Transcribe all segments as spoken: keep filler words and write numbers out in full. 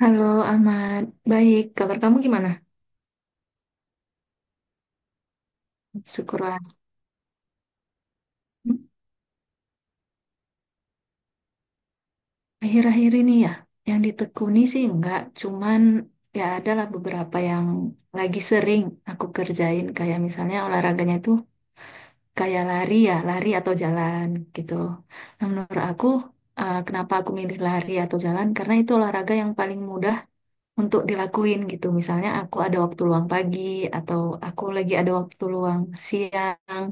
Halo Ahmad, baik. Kabar kamu gimana? Syukurlah. Hmm, Akhir-akhir ini ya, yang ditekuni sih enggak, cuman ya adalah beberapa yang lagi sering aku kerjain, kayak misalnya olahraganya itu kayak lari ya, lari atau jalan gitu. Nah, menurut aku, eh, kenapa aku milih lari atau jalan? Karena itu olahraga yang paling mudah untuk dilakuin gitu. Misalnya aku ada waktu luang pagi, atau aku lagi ada waktu luang siang,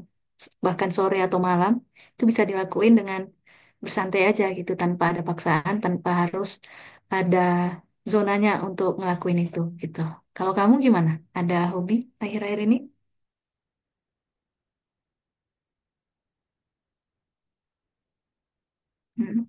bahkan sore atau malam, itu bisa dilakuin dengan bersantai aja gitu tanpa ada paksaan, tanpa harus ada zonanya untuk ngelakuin itu gitu. Kalau kamu gimana? Ada hobi akhir-akhir ini? Mm.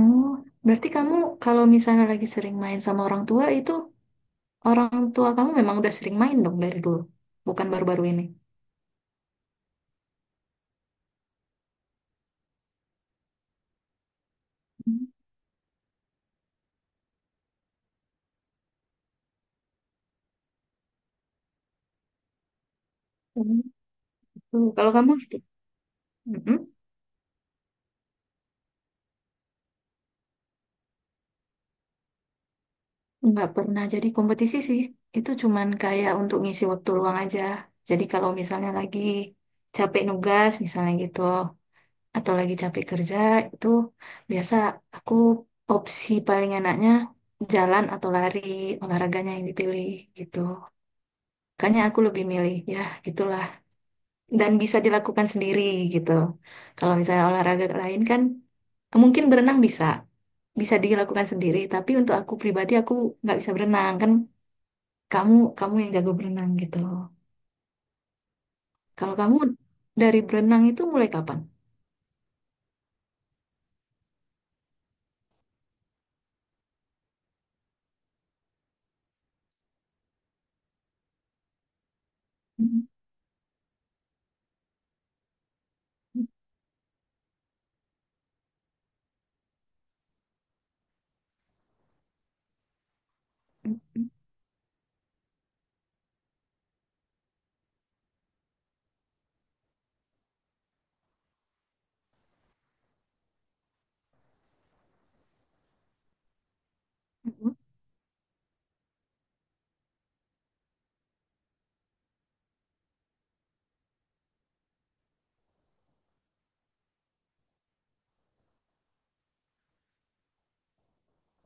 Oh, berarti kamu kalau misalnya lagi sering main sama orang tua itu, orang tua kamu memang udah sering main dong dari dulu, bukan baru-baru ini. Hmm. Tuh, kalau kamu... Mm-mm. Nggak pernah jadi kompetisi sih. Itu cuman kayak untuk ngisi waktu luang aja. Jadi kalau misalnya lagi capek nugas, misalnya gitu, atau lagi capek kerja, itu biasa aku opsi paling enaknya jalan atau lari, olahraganya yang dipilih gitu. Makanya aku lebih milih, ya gitulah. Dan bisa dilakukan sendiri gitu. Kalau misalnya olahraga lain kan, mungkin berenang bisa. Bisa dilakukan sendiri, tapi untuk aku pribadi aku nggak bisa berenang kan. Kamu kamu yang jago berenang gitu. Kalau kamu dari berenang itu mulai kapan?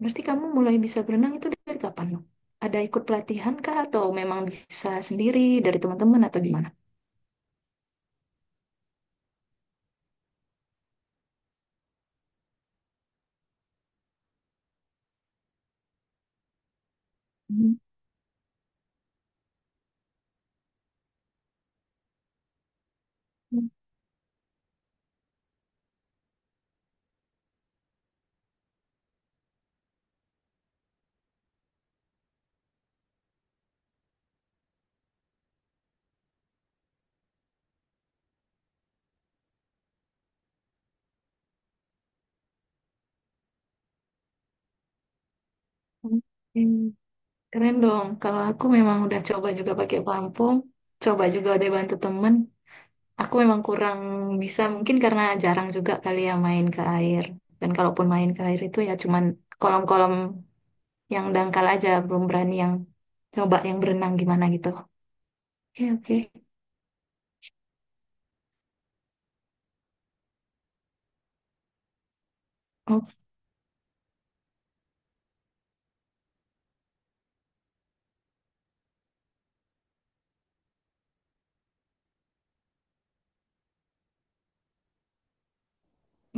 Berarti kamu mulai bisa berenang itu dari kapan? Nuk? Ada ikut pelatihan kah atau memang bisa sendiri dari teman-teman atau gimana? Hmm. Oke. Keren dong. Kalau aku memang udah coba juga pakai pelampung, coba juga udah bantu temen. Aku memang kurang bisa, mungkin karena jarang juga kali ya main ke air. Dan kalaupun main ke air itu ya cuman kolam-kolam yang dangkal aja, belum berani yang coba yang berenang gimana gitu. Oke, oke. O-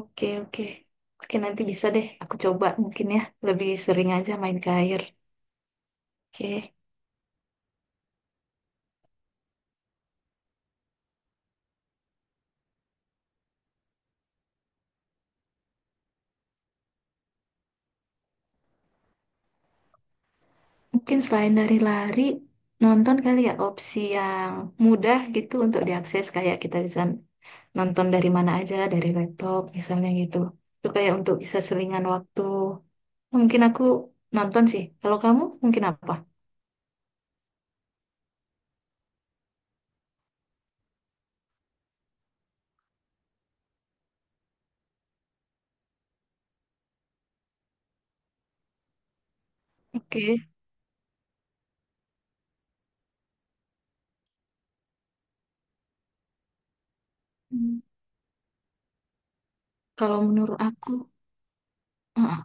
oke, oke, oke, nanti bisa deh aku coba mungkin ya, lebih sering aja main ke air. Oke, mungkin selain dari lari, nonton kali ya, opsi yang mudah gitu untuk diakses, kayak kita bisa nonton dari mana aja, dari laptop misalnya gitu, itu kayak untuk bisa selingan waktu, mungkin aku nonton sih. Kalau kamu mungkin apa... Oke. Hmm, Kalau menurut aku, uh-uh.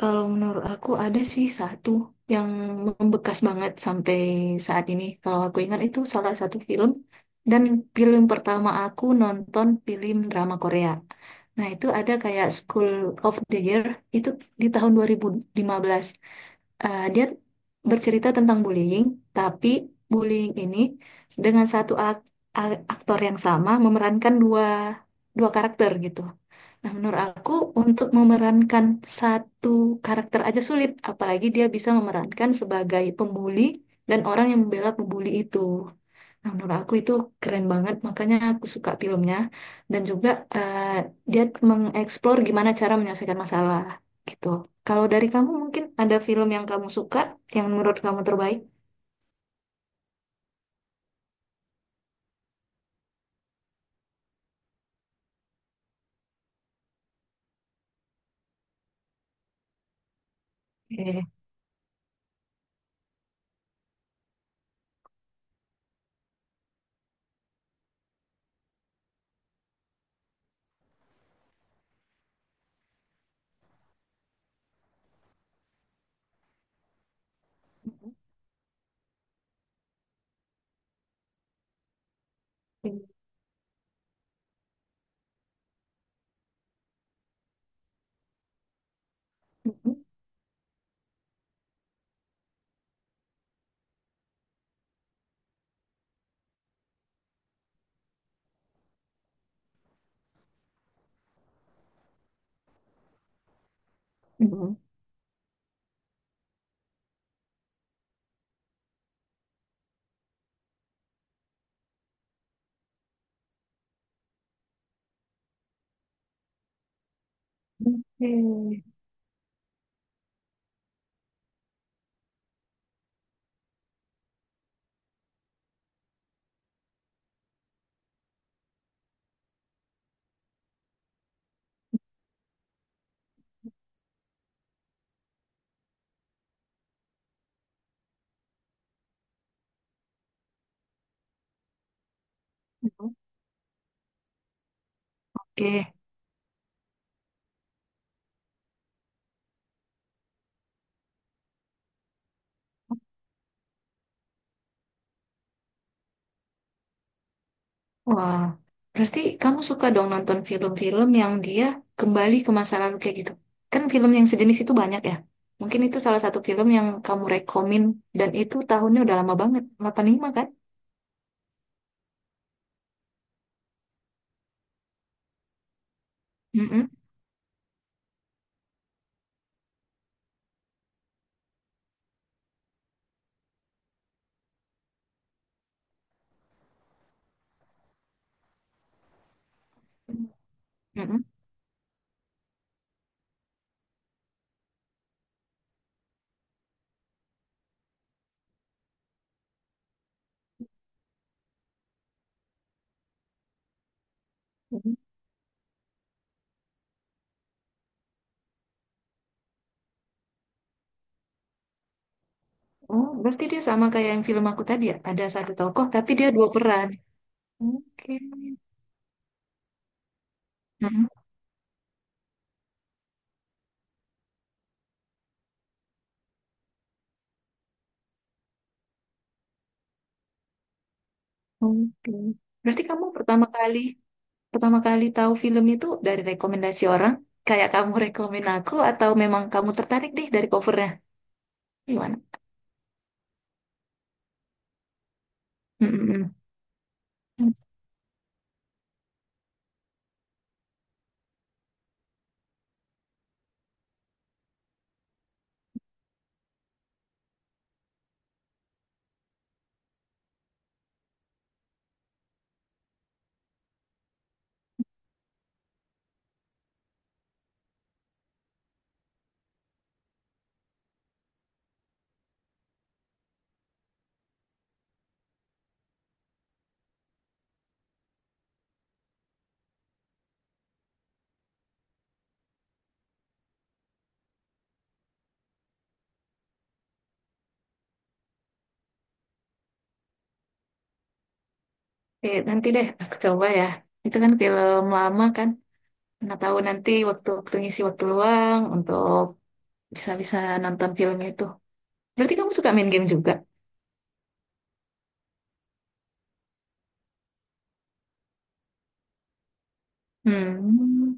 Kalau menurut aku ada sih satu yang membekas banget sampai saat ini. Kalau aku ingat, itu salah satu film dan film pertama aku nonton film drama Korea. Nah, itu ada kayak School of the Year itu di tahun dua ribu lima belas. Eh, dia bercerita tentang bullying, tapi bullying ini dengan satu ak- a- aktor yang sama memerankan dua dua karakter gitu. Nah, menurut aku untuk memerankan satu karakter aja sulit, apalagi dia bisa memerankan sebagai pembuli dan orang yang membela pembuli itu. Nah, menurut aku itu keren banget, makanya aku suka filmnya, dan juga eh, dia mengeksplor gimana cara menyelesaikan masalah gitu. Kalau dari kamu mungkin ada film yang kamu suka, yang menurut kamu terbaik? Oke. Mhm. Mhm. Oke. Oke. Wah, berarti kamu suka dong nonton film-film yang dia kembali ke masa lalu kayak gitu. Kan film yang sejenis itu banyak ya. Mungkin itu salah satu film yang kamu rekomin, dan itu tahunnya udah lama banget, delapan lima kan? Mm-mm. Mm-mm. Mm-mm. Oh, berarti dia sama kayak yang film aku tadi ya. Ada satu tokoh tapi dia dua peran. Oke. Mm-mm. Oke. Berarti kamu pertama kali pertama kali tahu film itu dari rekomendasi orang, kayak kamu rekomen aku, atau memang kamu tertarik deh dari cover. Gimana? Mm, mm, mm. Oke, nanti deh aku coba ya. Itu kan film lama kan. Nggak tahu nanti waktu-waktu ngisi waktu luang untuk bisa-bisa nonton film itu. Berarti kamu suka main game juga? Hmm.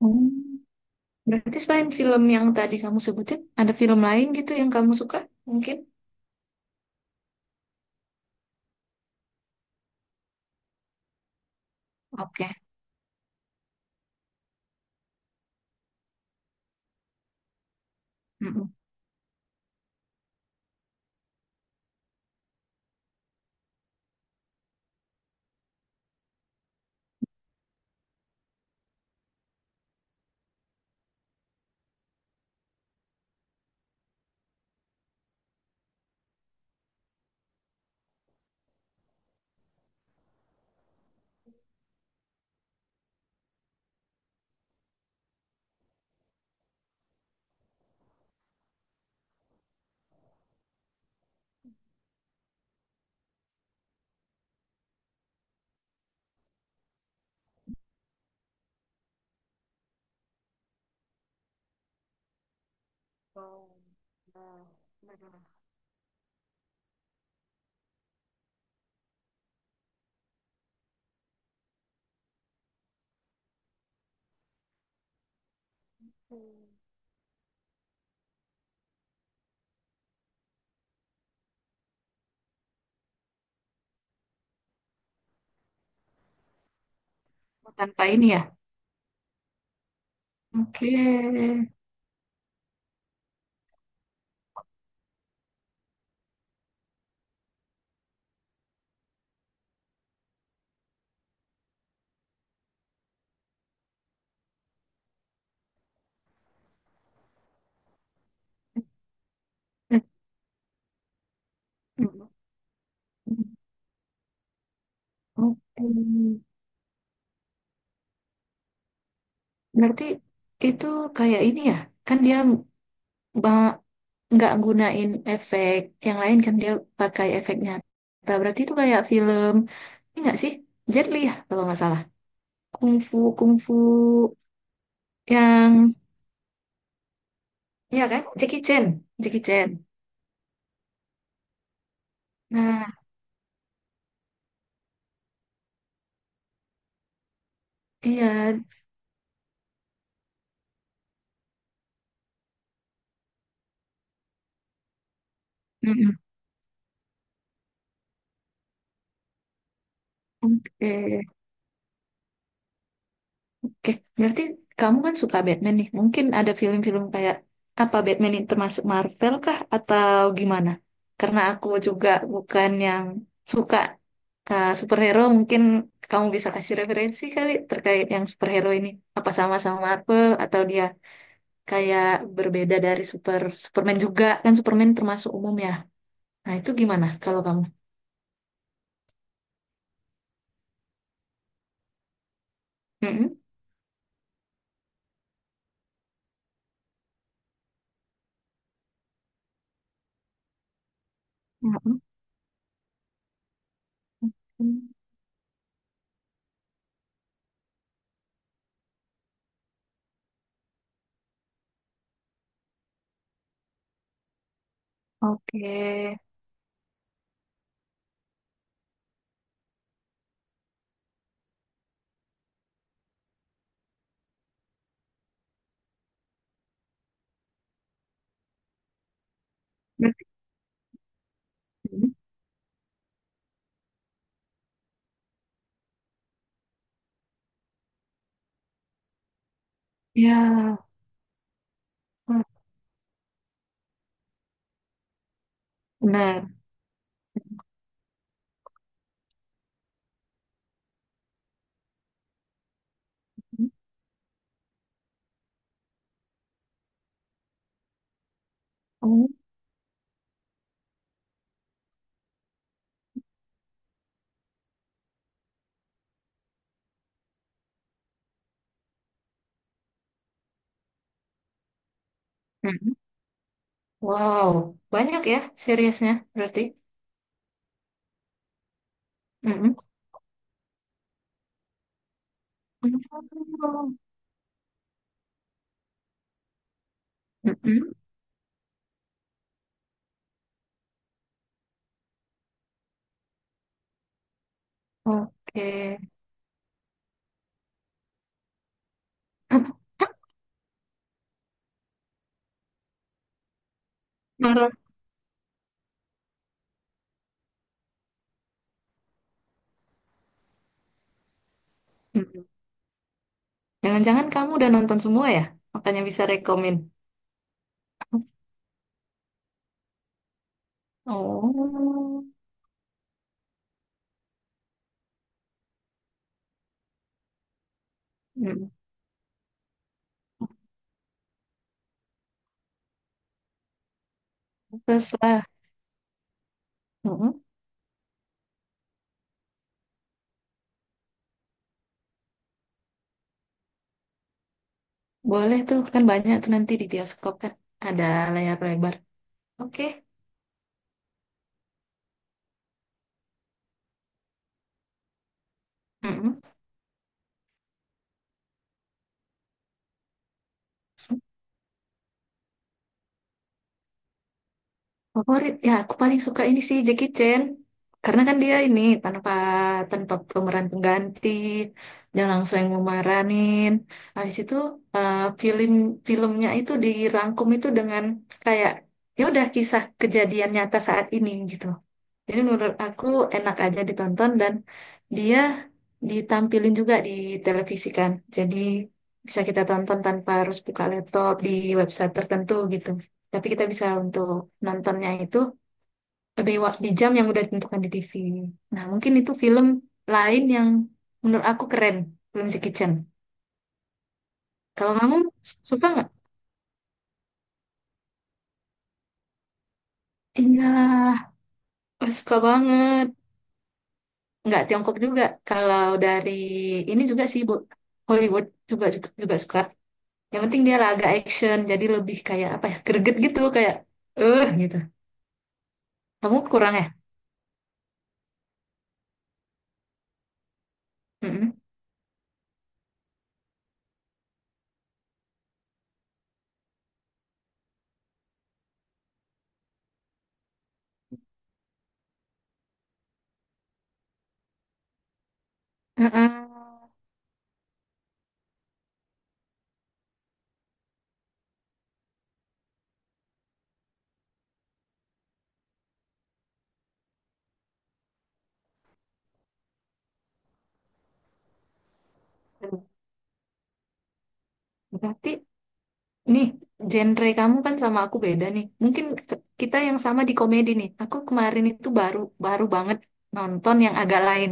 Oh. Berarti selain film yang tadi kamu sebutin, ada film lain gitu yang kamu suka? Mungkin? Oke. Mm-mm. Tanpa ini ya? Oke. Mm-mm. Oke. Berarti itu kayak ini ya, kan dia ba- nggak gunain efek yang lain kan, dia pakai efek nyata. Berarti itu kayak film, ini nggak sih? Jet Li ya kalau nggak salah. Kungfu, kungfu yang, ya kan? Jackie Chan, Jackie Chan. Nah, iya. Mm-mm. Oke. Oke, berarti kamu kan suka Batman nih. Mungkin ada film-film kayak apa, Batman ini termasuk Marvel kah atau gimana? Karena aku juga bukan yang suka uh, superhero, mungkin kamu bisa kasih referensi kali terkait yang superhero ini. Apa sama-sama Marvel, atau dia kayak berbeda dari super Superman juga? Kan Superman termasuk umum ya. Nah, itu gimana kalau kamu? Mm-mm. Mm-mm. Oke. Oke. Berarti... Ya, benar. Mm-mm. Wow, banyak ya seriesnya berarti. Mm-mm. Oh. Mm-mm. Oke. Marah. Mm-mm. Jangan-jangan kamu udah nonton semua ya? Makanya bisa rekomen. Oh, mm. Terus lah. Mm-mm. Boleh tuh, kan banyak tuh nanti di bioskop kan. Ada layar lebar. Oke. Mm-mm. Favorit ya, aku paling suka ini sih Jackie Chan, karena kan dia ini tanpa tanpa pemeran pengganti, dia langsung yang memeranin. Habis itu eh, film filmnya itu dirangkum itu dengan kayak ya udah kisah kejadian nyata saat ini gitu, jadi menurut aku enak aja ditonton, dan dia ditampilin juga di televisi kan. Jadi bisa kita tonton tanpa harus buka laptop di website tertentu gitu. Tapi kita bisa untuk nontonnya itu di, wak- di jam yang udah ditentukan di T V. Nah, mungkin itu film lain yang menurut aku keren, film Jackie Chan. Kalau kamu suka nggak? Iya, suka banget. Nggak Tiongkok juga. Kalau dari ini juga sih, Bu. Hollywood juga juga, juga suka. Yang penting dia laga action, jadi lebih kayak apa ya, greget gitu, kayak eh gitu. Kamu kurang ya? Mm-mm. Mm-mm. Berarti nih genre kamu kan sama aku beda nih. Mungkin ke- kita yang sama di komedi nih. Aku kemarin itu baru baru banget nonton yang agak lain.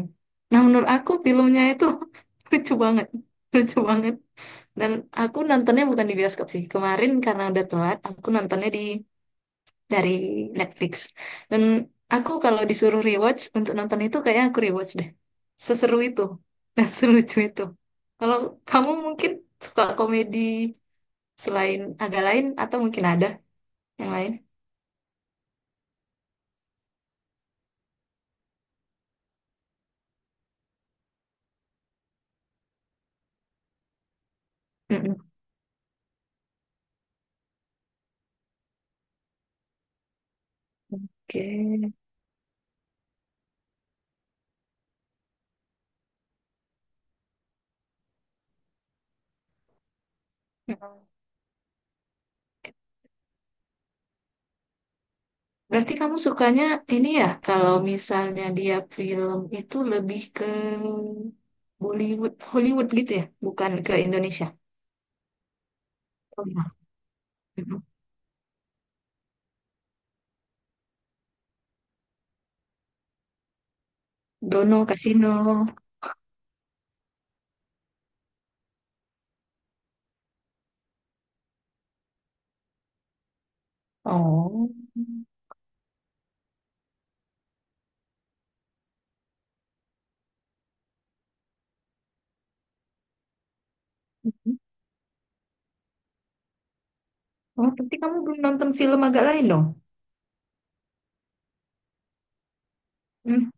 Nah, menurut aku filmnya itu lucu banget, lucu banget. Dan aku nontonnya bukan di bioskop sih. Kemarin karena udah telat, aku nontonnya di dari Netflix. Dan aku kalau disuruh rewatch untuk nonton itu kayaknya aku rewatch deh. Seseru itu dan selucu itu. Kalau kamu mungkin suka komedi, selain agak lain atau mungkin ada yang lain? Mm-mm. Oke. Mm. Berarti kamu sukanya ini ya, kalau misalnya dia film itu lebih ke Bollywood, Hollywood gitu ya, bukan ke Indonesia. Oh, iya. Mm-mm. Dono Kasino. Oh. Oh, berarti kamu belum nonton film agak lain dong? Hmm,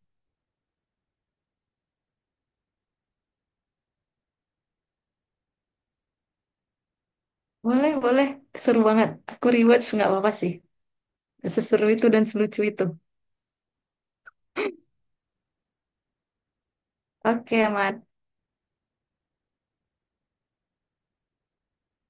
boleh, boleh. Seru banget. Aku rewatch nggak apa-apa sih. Seseru itu dan selucu itu. Oke, aman.